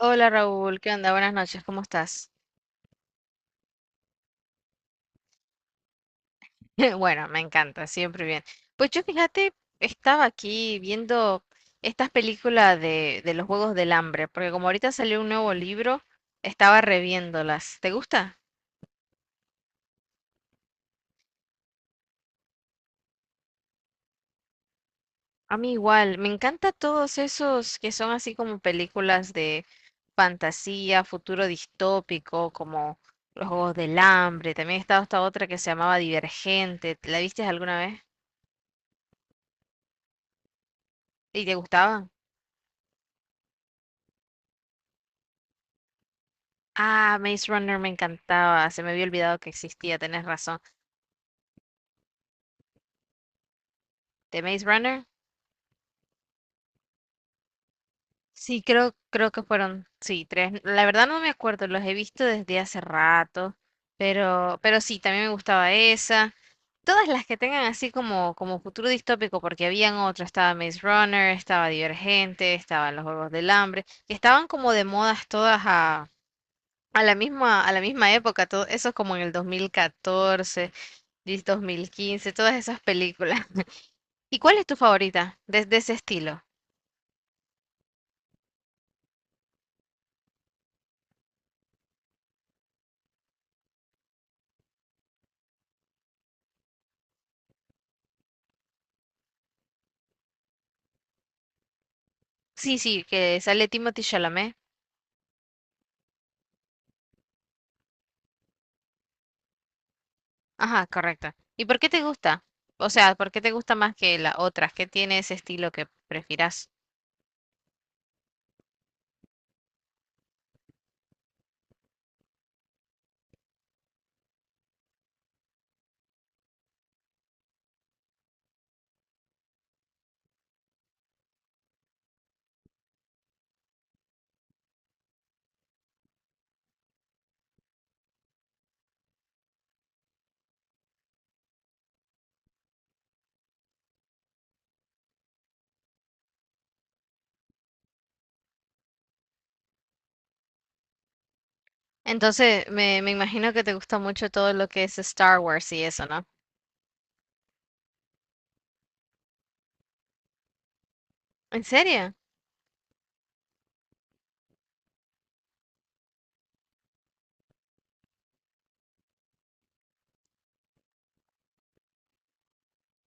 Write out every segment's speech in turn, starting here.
Hola Raúl, ¿qué onda? Buenas noches, ¿cómo estás? Bueno, me encanta, siempre bien. Pues yo fíjate, estaba aquí viendo estas películas de los Juegos del Hambre, porque como ahorita salió un nuevo libro, estaba reviéndolas. ¿Te gusta? A mí igual, me encanta todos esos que son así como películas de fantasía, futuro distópico, como los Juegos del Hambre. También estaba esta otra que se llamaba Divergente. ¿La viste alguna vez? ¿Y te gustaban? Ah, Maze Runner me encantaba. Se me había olvidado que existía, tenés razón. ¿De Maze Runner? Sí, creo que fueron, sí, tres. La verdad no me acuerdo, los he visto desde hace rato, pero sí, también me gustaba esa. Todas las que tengan así como futuro distópico, porque habían otras. Estaba Maze Runner, estaba Divergente, estaban los Juegos del Hambre, que estaban como de modas todas a la misma época, todo eso es como en el 2014 2015. Todas esas películas. ¿Y cuál es tu favorita de ese estilo? Sí, sí, que sale Timothy Chalamet. Ajá, correcto. ¿Y por qué te gusta? O sea, ¿por qué te gusta más que las otras? ¿Qué tiene ese estilo que prefieras? Entonces, me imagino que te gusta mucho todo lo que es Star Wars y eso, ¿no? ¿En serio?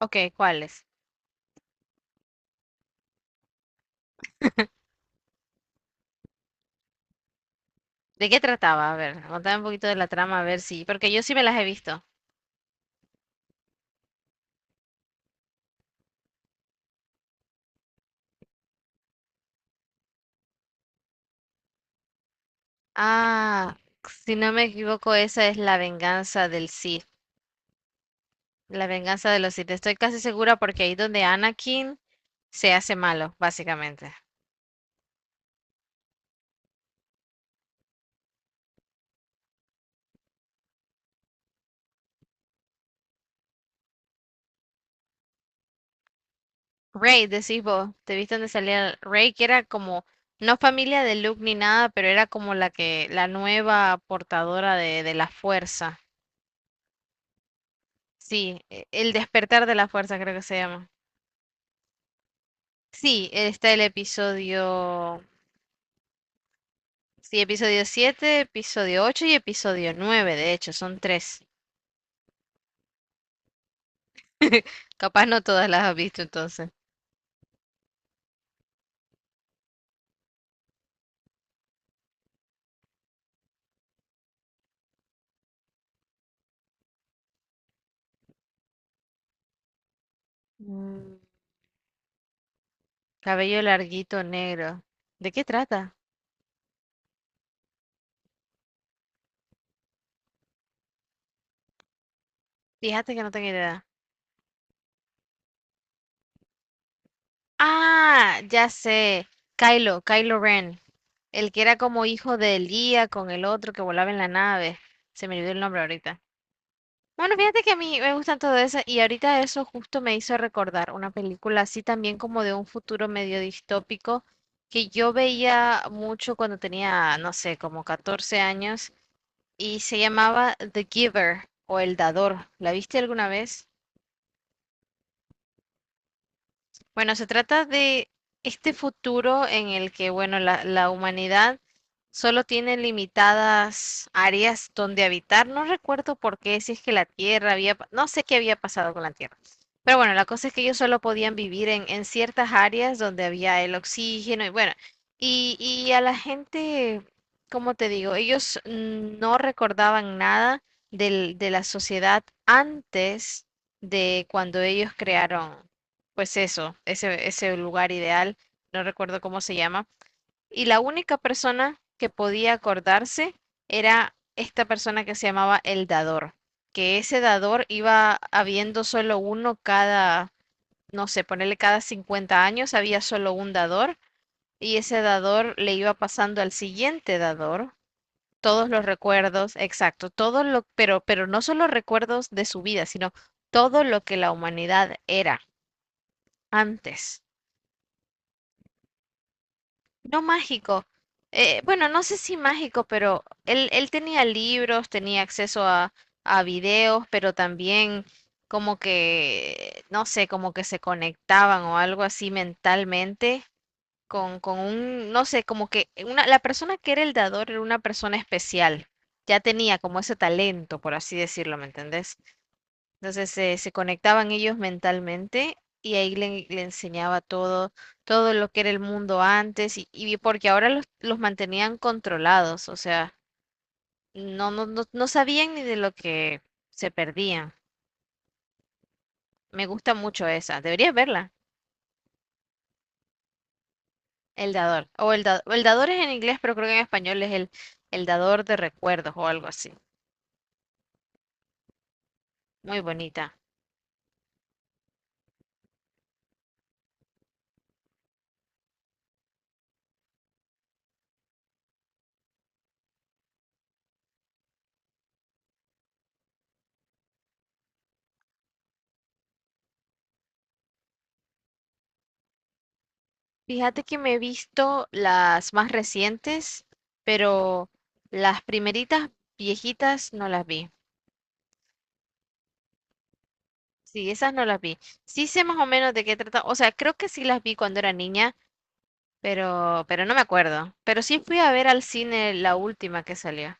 Ok, ¿cuáles? ¿De qué trataba? A ver, contame un poquito de la trama, a ver si, porque yo sí me las he visto. Ah, si no me equivoco, esa es la venganza del Sith, la venganza de los Sith. Estoy casi segura porque ahí donde Anakin se hace malo, básicamente. Rey, decís vos, ¿te viste dónde salía Rey? Que era como, no familia de Luke ni nada, pero era como la nueva portadora de la fuerza. Sí, el despertar de la fuerza creo que se llama. Sí, está el episodio, sí, episodio 7 episodio 8 y episodio 9 de hecho, son tres. Capaz no todas las has visto entonces. Mm, cabello larguito negro. ¿De qué trata? Fíjate que no tengo idea. Ah, ya sé. Kylo, Kylo Ren. El que era como hijo de Elía con el otro que volaba en la nave. Se me olvidó el nombre ahorita. Bueno, fíjate que a mí me gustan todo eso y ahorita eso justo me hizo recordar una película así también como de un futuro medio distópico que yo veía mucho cuando tenía, no sé, como 14 años y se llamaba The Giver o El Dador. ¿La viste alguna vez? Bueno, se trata de este futuro en el que, bueno, la humanidad solo tiene limitadas áreas donde habitar. No recuerdo por qué, si es que la Tierra había, no sé qué había pasado con la Tierra. Pero bueno, la cosa es que ellos solo podían vivir en ciertas áreas donde había el oxígeno y bueno, y a la gente, como te digo, ellos no recordaban nada de la sociedad antes de cuando ellos crearon pues eso, ese lugar ideal, no recuerdo cómo se llama. Y la única persona que podía acordarse era esta persona que se llamaba el dador, que ese dador iba habiendo solo uno cada, no sé, ponerle cada 50 años, había solo un dador y ese dador le iba pasando al siguiente dador todos los recuerdos, exacto, todo lo, pero no solo recuerdos de su vida, sino todo lo que la humanidad era antes. No mágico. Bueno, no sé si mágico, pero él tenía libros, tenía acceso a videos, pero también como que, no sé, como que se conectaban o algo así mentalmente con un, no sé, como que una, la persona que era el dador era una persona especial. Ya tenía como ese talento, por así decirlo, ¿me entendés? Entonces se conectaban ellos mentalmente y ahí le enseñaba todo, todo lo que era el mundo antes y porque ahora los mantenían controlados, o sea, no, no, no, no sabían ni de lo que se perdían. Me gusta mucho esa, deberías verla, El Dador. O el Dador es en inglés, pero creo que en español es el Dador de Recuerdos o algo así. Muy bonita. Fíjate que me he visto las más recientes, pero las primeritas viejitas no las vi. Sí, esas no las vi. Sí sé más o menos de qué trata. O sea, creo que sí las vi cuando era niña, pero no me acuerdo. Pero sí fui a ver al cine la última que salió.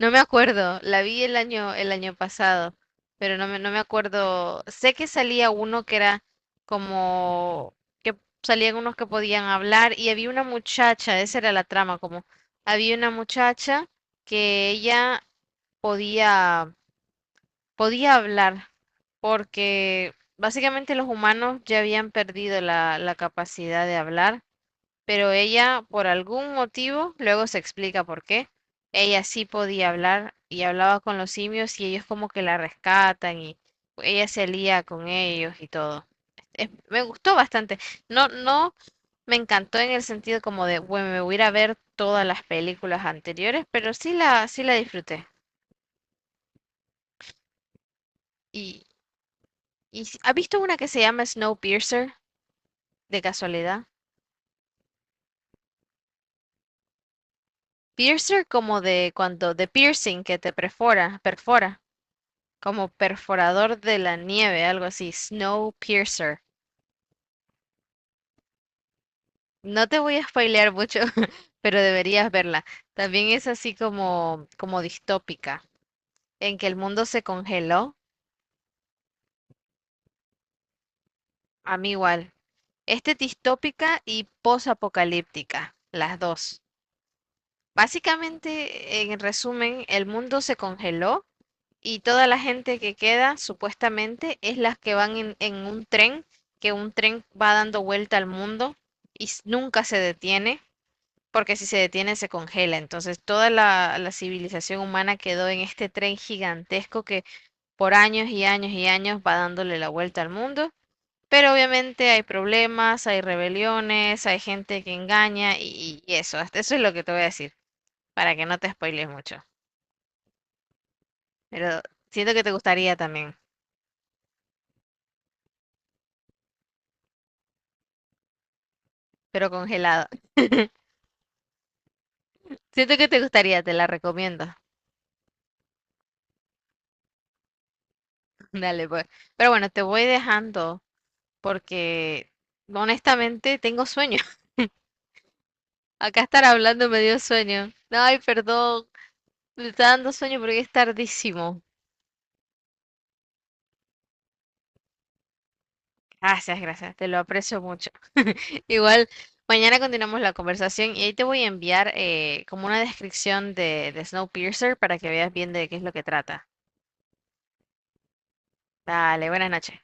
No me acuerdo, la vi el año pasado, pero no me acuerdo. Sé que salía uno que era como que salían unos que podían hablar y había una muchacha, esa era la trama, como había una muchacha que ella podía, podía hablar porque básicamente los humanos ya habían perdido la capacidad de hablar pero ella, por algún motivo, luego se explica por qué, ella sí podía hablar y hablaba con los simios y ellos como que la rescatan y ella se lía con ellos y todo. Me gustó bastante. No, no me encantó en el sentido como de, bueno, me voy a ir a ver todas las películas anteriores, pero sí la disfruté. Y, ¿Ha visto una que se llama Snowpiercer, de casualidad? Piercer, como de piercing que te perfora, perfora, como perforador de la nieve, algo así, Snowpiercer. No te voy a spoilear mucho, pero deberías verla. También es así como distópica, en que el mundo se congeló. A mí igual. Este es distópica y posapocalíptica, las dos. Básicamente, en resumen, el mundo se congeló y toda la gente que queda, supuestamente, es las que van en un tren, que un tren va dando vuelta al mundo y nunca se detiene porque si se detiene se congela. Entonces toda la civilización humana quedó en este tren gigantesco que por años y años y años va dándole la vuelta al mundo. Pero obviamente hay problemas, hay rebeliones, hay gente que engaña y eso. Hasta eso es lo que te voy a decir, para que no te spoiles mucho. Pero siento que te gustaría también, pero congelado. Siento que te gustaría, te la recomiendo. Dale, pues. Pero bueno, te voy dejando porque honestamente tengo sueño. Acá estar hablando me dio sueño. Ay, perdón. Me está dando sueño porque es tardísimo. Gracias, gracias. Te lo aprecio mucho. Igual, mañana continuamos la conversación y ahí te voy a enviar como una descripción de Snowpiercer para que veas bien de qué es lo que trata. Dale, buenas noches.